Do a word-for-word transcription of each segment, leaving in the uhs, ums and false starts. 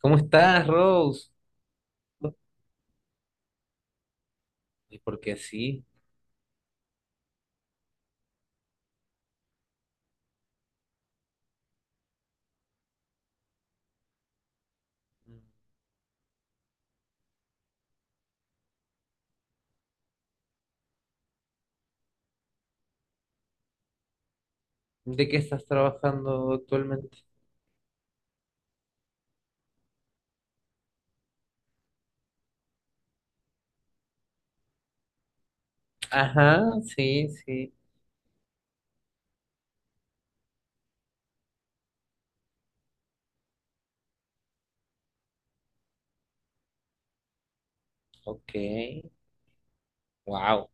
¿Cómo estás, Rose? ¿Y por qué así? ¿De qué estás trabajando actualmente? Ajá, sí, sí. Ok. Wow.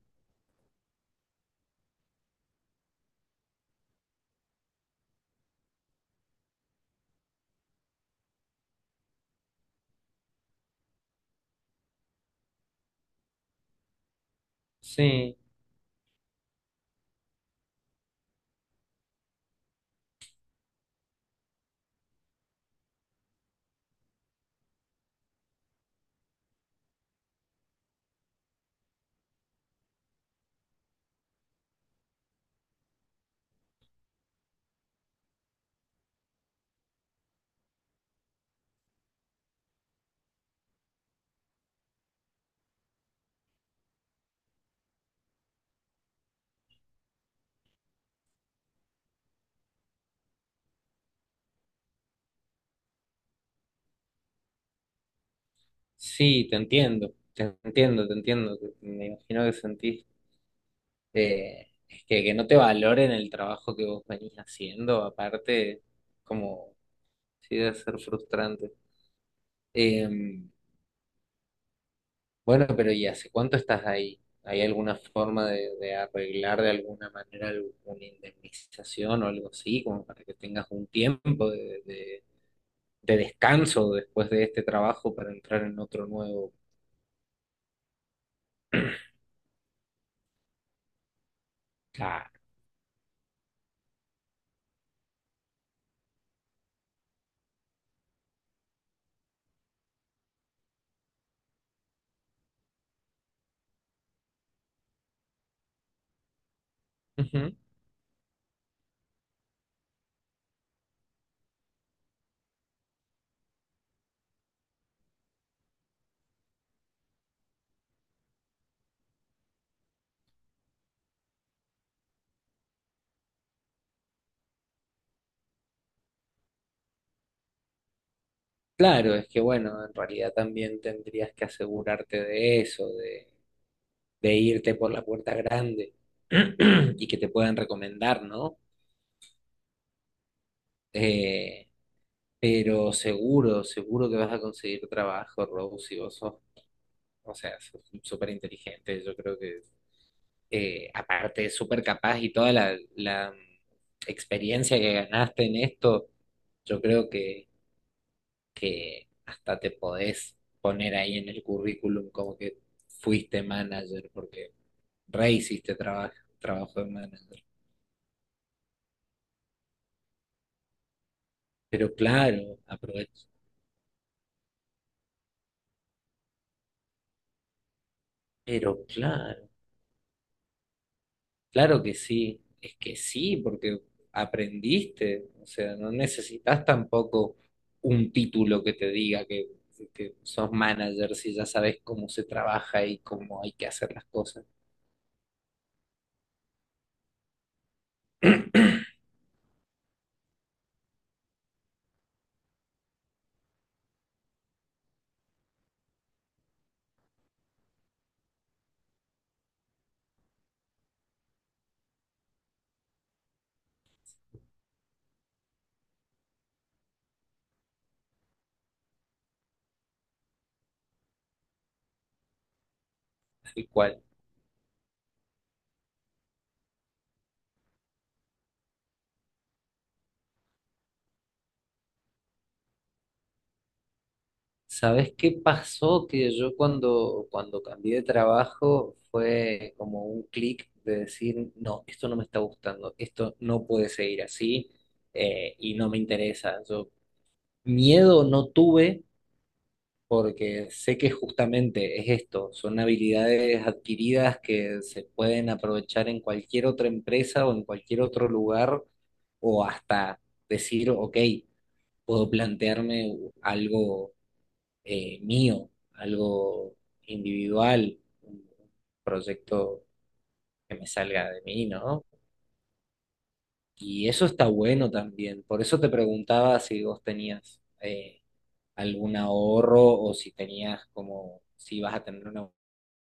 Sí, sí, te entiendo. Te entiendo, te entiendo. Me imagino que sentís eh, es que, que no te valoren el trabajo que vos venís haciendo, aparte, como sí debe ser frustrante. Eh, Bueno, pero ¿y hace cuánto estás ahí? ¿Hay alguna forma de, de arreglar de alguna manera alguna indemnización o algo así, como para que tengas un tiempo de, de- de descanso después de este trabajo para entrar en otro nuevo? Claro. Ujú. Claro, es que bueno, en realidad también tendrías que asegurarte de eso, de, de irte por la puerta grande y que te puedan recomendar, ¿no? Eh, pero seguro, seguro que vas a conseguir trabajo, Rose, si vos sos... O sea, es súper inteligente, yo creo que eh, aparte es súper capaz y toda la, la mm, experiencia que ganaste en esto, yo creo que, que hasta te podés poner ahí en el currículum como que fuiste manager, porque re hiciste trabajo, trabajo de manager. Pero claro, aprovecho. Pero claro. Claro que sí, es que sí, porque aprendiste, o sea, no necesitas tampoco un título que te diga que, que sos manager si ya sabes cómo se trabaja y cómo hay que hacer las cosas, tal cual. ¿Sabes qué pasó? Que yo cuando, cuando cambié de trabajo fue como un clic de decir, no, esto no me está gustando, esto no puede seguir así, eh, y no me interesa. Yo miedo no tuve porque sé que justamente es esto, son habilidades adquiridas que se pueden aprovechar en cualquier otra empresa o en cualquier otro lugar, o hasta decir, ok, puedo plantearme algo eh, mío, algo individual, un un proyecto que me salga de mí, ¿no? Y eso está bueno también, por eso te preguntaba si vos tenías... eh, algún ahorro o si tenías como, si vas a tener una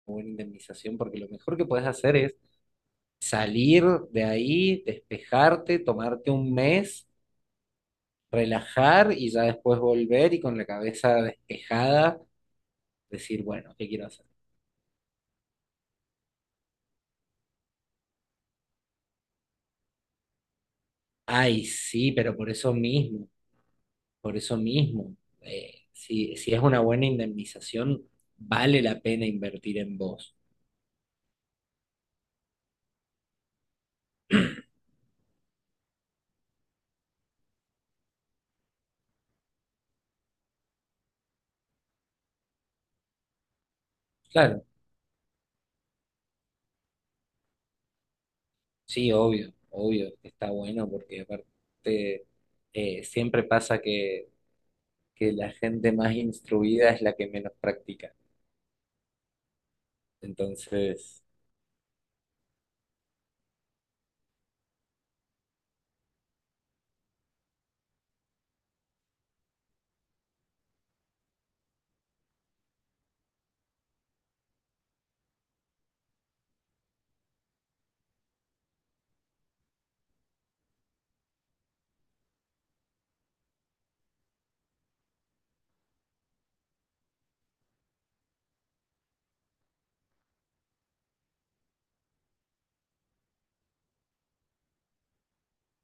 buena indemnización, porque lo mejor que puedes hacer es salir de ahí, despejarte, tomarte un mes, relajar y ya después volver y con la cabeza despejada decir, bueno, ¿qué quiero hacer? Ay, sí, pero por eso mismo, por eso mismo, eh, si, si es una buena indemnización, vale la pena invertir en vos. Claro, sí, obvio, obvio, que está bueno porque aparte eh, siempre pasa que, que la gente más instruida es la que menos practica. Entonces,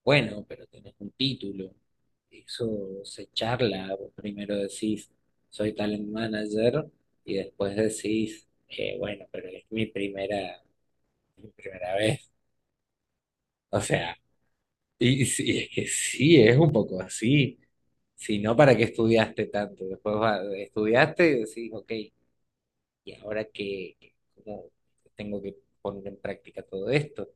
bueno, pero tenés un título, eso se charla, vos primero decís, soy talent manager, y después decís, eh, bueno, pero es mi primera, mi primera vez. O sea, y, sí, es que sí, es un poco así. Si no, ¿para qué estudiaste tanto? Después va- estudiaste y decís, ok. Y ahora que, que como tengo que poner en práctica todo esto.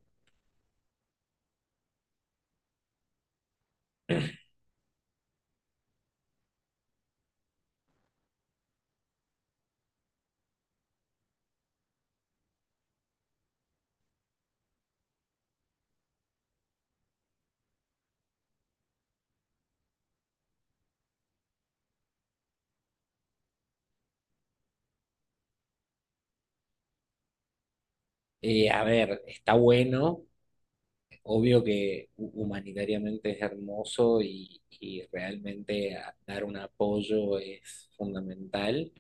Eh, a ver, está bueno, obvio que hu- humanitariamente es hermoso y, y realmente a- dar un apoyo es fundamental,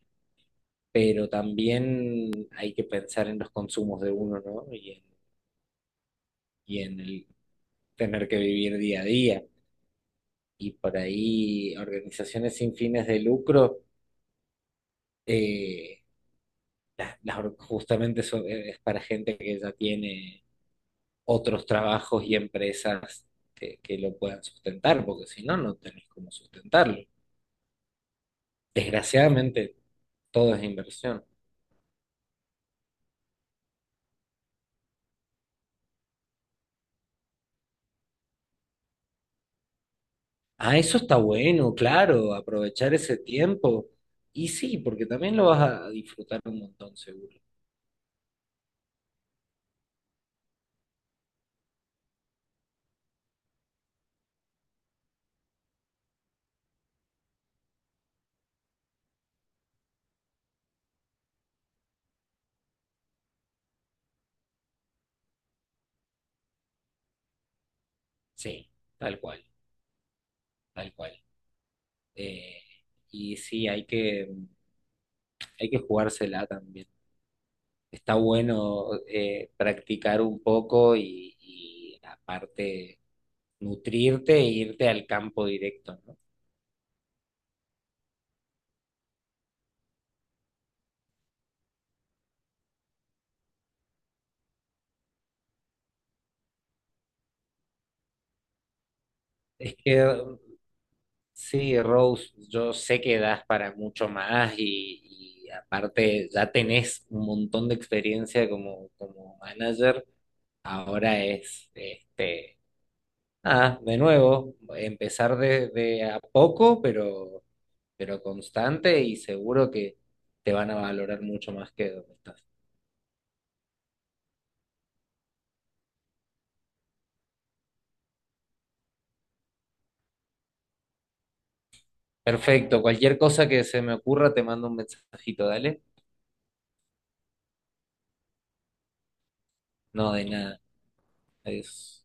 pero también hay que pensar en los consumos de uno, ¿no? Y en, y en el tener que vivir día a día. Y por ahí organizaciones sin fines de lucro, eh, las- las or- justamente son, es para gente que ya tiene otros trabajos y empresas que, que lo puedan sustentar, porque si no, no tenés cómo sustentarlo. Desgraciadamente, todo es inversión. Ah, eso está bueno, claro, aprovechar ese tiempo. Y sí, porque también lo vas a disfrutar un montón, seguro. Sí, tal cual, tal cual. Eh, y sí, hay que, hay que jugársela también. Está bueno, eh, practicar un poco y, y aparte nutrirte e irte al campo directo, ¿no? Es que sí, Rose, yo sé que das para mucho más y, y aparte ya tenés un montón de experiencia como, como manager. Ahora es, este, ah, de nuevo, empezar de, de a poco, pero, pero constante y seguro que te van a valorar mucho más que donde estás. Perfecto, cualquier cosa que se me ocurra te mando un mensajito, dale. No, de nada. Adiós.